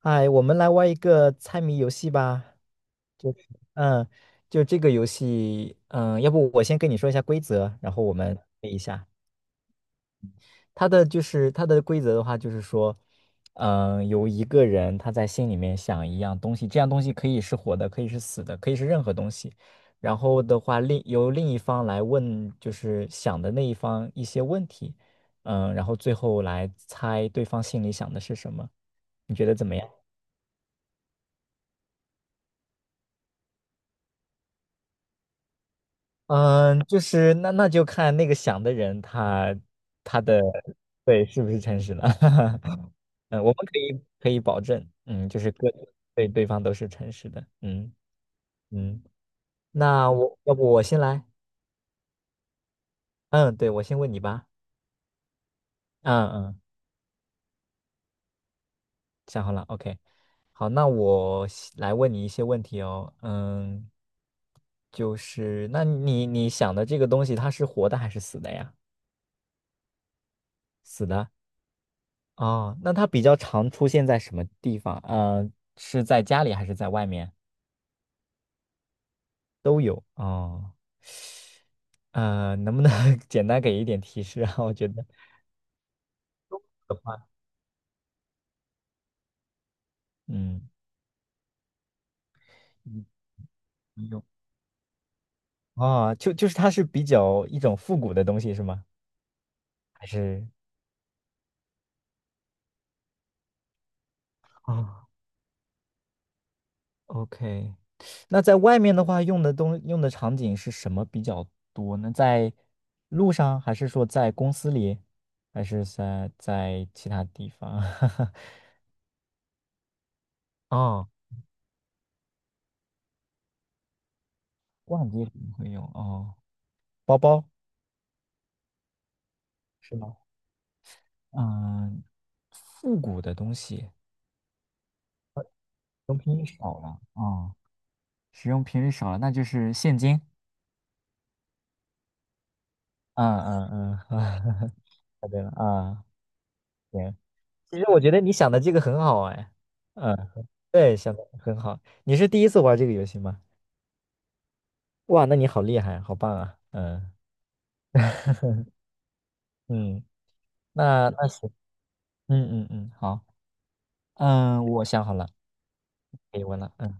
哎，我们来玩一个猜谜游戏吧。就，嗯，就这个游戏，要不我先跟你说一下规则，然后我们背一下。它的规则的话，就是说，有一个人他在心里面想一样东西，这样东西可以是活的，可以是死的，可以是任何东西。然后的话，由另一方来问，就是想的那一方一些问题，然后最后来猜对方心里想的是什么。你觉得怎么样？嗯，就是那就看那个想的人他对是不是诚实了。嗯，我们可以保证，嗯，就是对对方都是诚实的，嗯嗯，那要不我先来。嗯，对，我先问你吧。嗯嗯，想好了，OK。好，那我先来问你一些问题哦。嗯，就是那你想的这个东西它是活的还是死的呀？死的。哦，那它比较常出现在什么地方？是在家里还是在外面？都有。哦，能不能 简单给一点提示啊？我觉得，嗯，嗯有。哦，就是它是比较一种复古的东西是吗？还是？啊， OK， 那在外面的话，用的场景是什么比较多呢？在路上，还是说在公司里，还是在其他地方？哦，挂机可能会用哦，包包是吗？嗯，复古的东西，使用频率少了啊，使用频率少了，那就是现金。嗯嗯嗯，啊，答对了啊，行。其实我觉得你想的这个很好哎。嗯，对，想的很好。你是第一次玩这个游戏吗？哇，那你好厉害，好棒啊。嗯嗯，那行，嗯嗯嗯，好，我想好了，可以问了。嗯，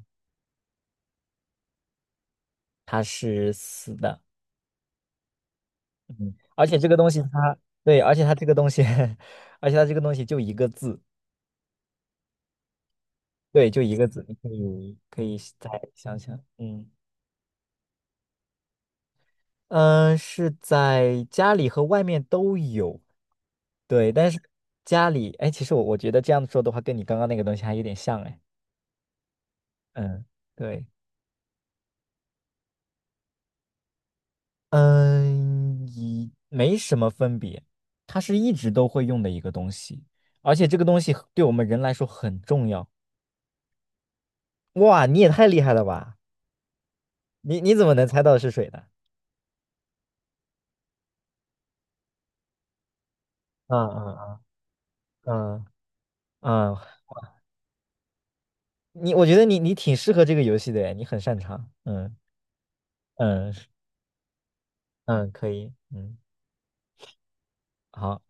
他是死的。嗯，而且这个东西它，对，而且它这个东西，而且它这个东西就一个字。对，就一个字，你可以再想想。嗯嗯，是在家里和外面都有，对，但是家里，哎，其实我觉得这样说的话，跟你刚刚那个东西还有点像。哎，嗯，对，嗯，没什么分别，它是一直都会用的一个东西，而且这个东西对我们人来说很重要。哇，你也太厉害了吧！你怎么能猜到是水的？啊啊啊啊啊！我觉得你挺适合这个游戏的诶，你很擅长。嗯嗯，是，嗯，可以。嗯，好。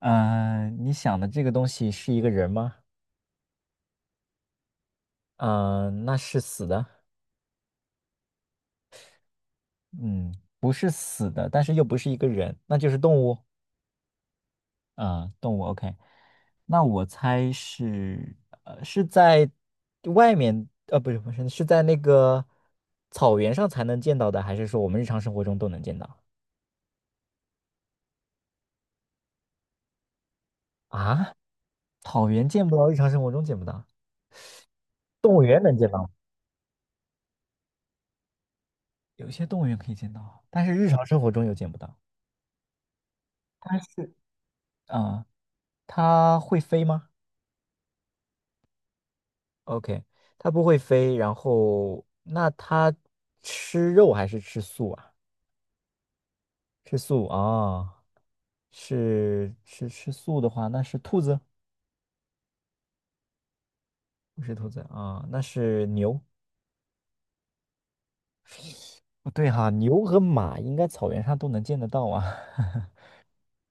你想的这个东西是一个人吗？嗯、那是死的？嗯，不是死的，但是又不是一个人，那就是动物。啊，动物。OK，那我猜是在外面，不是，是在那个草原上才能见到的，还是说我们日常生活中都能见到？啊，草原见不到，日常生活中见不到，动物园能见到，有些动物园可以见到，但是日常生活中又见不到。它是啊，它会飞吗？OK，它不会飞，然后那它吃肉还是吃素啊？吃素啊，是吃素的话，那是兔子。不是兔子啊，那是牛。不对哈，牛和马应该草原上都能见得到啊。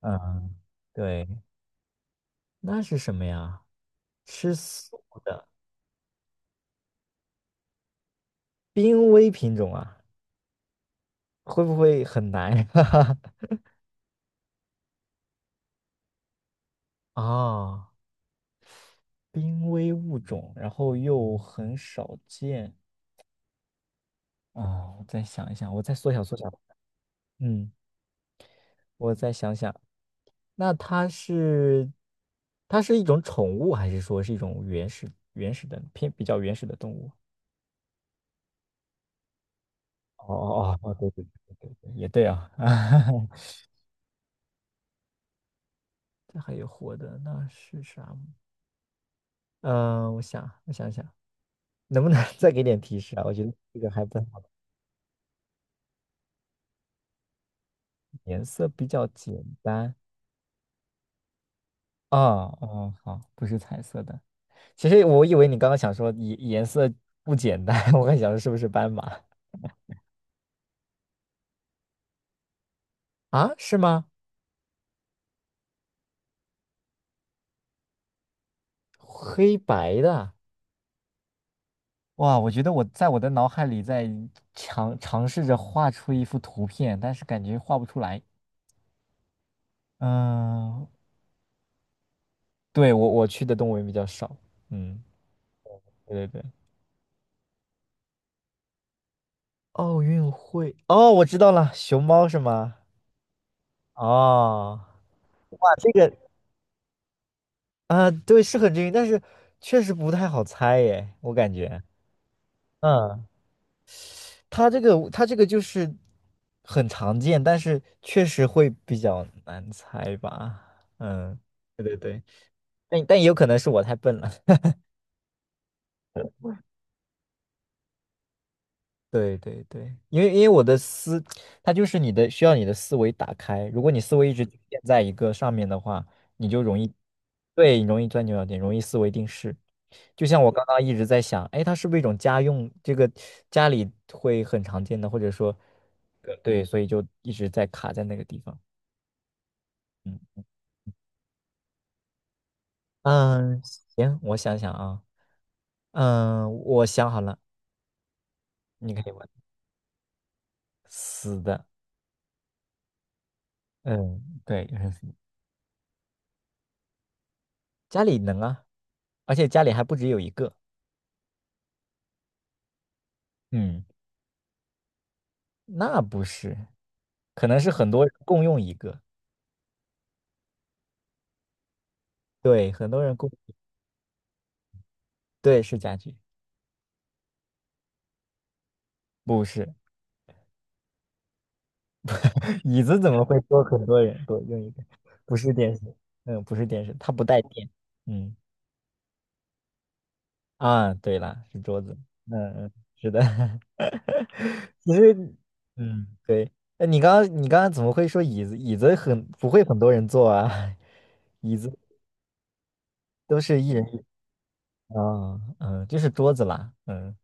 嗯，对。那是什么呀？吃素的濒危品种啊，会不会很难呀？啊，濒危物种，然后又很少见啊。我再想一想，我再缩小缩小。嗯，我再想想，那它是一种宠物，还是说是一种原始原始的偏比较原始的动物？哦哦哦，哦，对对对对对，也对啊。这还有活的，那是啥？我想想。能不能 再给点提示啊？我觉得这个还不太好，颜色比较简单。哦哦，好，不是彩色的。其实我以为你刚刚想说颜色不简单，我还想说是不是斑马。啊？是吗？黑白的。哇，我觉得我在我的脑海里在尝试着画出一幅图片，但是感觉画不出来。嗯，对，我去的动物园比较少。嗯，对对对。奥运会，哦，我知道了，熊猫是吗？哦。哇，这个，啊，对，是很均匀，但是确实不太好猜耶，我感觉，嗯，它这个就是很常见，但是确实会比较难猜吧。嗯，对对对，但也有可能是我太笨了。对对对，因为我的思，它就是需要你的思维打开。如果你思维一直局限在一个上面的话，你就容易，对，你容易钻牛角尖，容易思维定式。就像我刚刚一直在想，哎，它是不是一种家用？这个家里会很常见的，或者说，对，所以就一直在卡在那个地方。嗯嗯，行，我想想啊。嗯，我想好了，你可以问。死的，嗯，对。家里能啊，而且家里还不只有一个。嗯，那不是，可能是很多人共用一个。对，很多人共，对，是家具。不是 椅子，怎么会说很多人共用一个？不是电视，嗯，不是电视，它不带电。嗯，啊，对了，是桌子。嗯嗯，是的。其实，嗯，对。那你刚刚你刚刚怎么会说椅子？椅子很不会很多人坐啊。椅子都是一人。啊，嗯，就是桌子啦。嗯，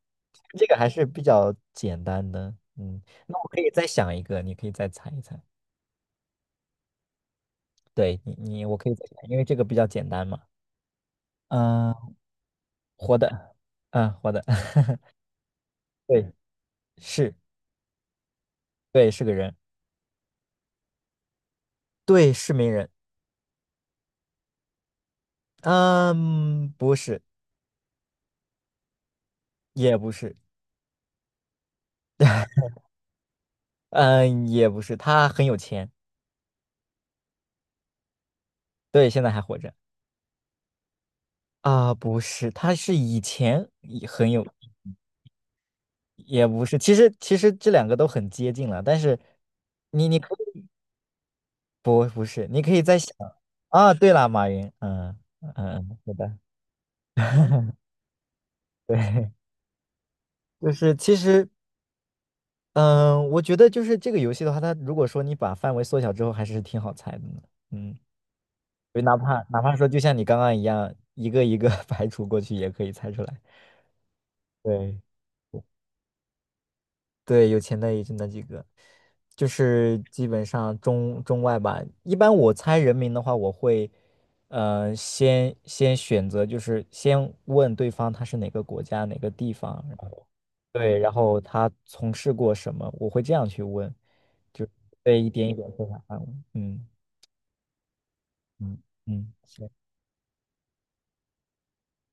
这个还是比较简单的。嗯，那我可以再想一个，你可以再猜一猜。对，我可以再想，因为这个比较简单嘛。嗯，活的，嗯，活的。对，是，对，是个人，对，是名人，嗯，不是，也不是。嗯，也不是，他很有钱。对，现在还活着。啊，不是，他是以前也很有。也不是，其实这两个都很接近了，但是你你可以不是，你可以再想啊。对了，马云，嗯嗯嗯，是的。对，就是其实，嗯，我觉得就是这个游戏的话，它如果说你把范围缩小之后，还是挺好猜的呢。嗯，就哪怕说就像你刚刚一样，一个一个 排除过去也可以猜出来。对，对，有钱的也就那几个，就是基本上中外吧。一般我猜人名的话，我会，呃，先选择，就是先问对方他是哪个国家、哪个地方，然后对，然后他从事过什么，我会这样去问，就对，一点一点缩小范围。嗯嗯嗯，行。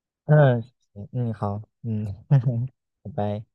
嗯行嗯，好，嗯，拜拜。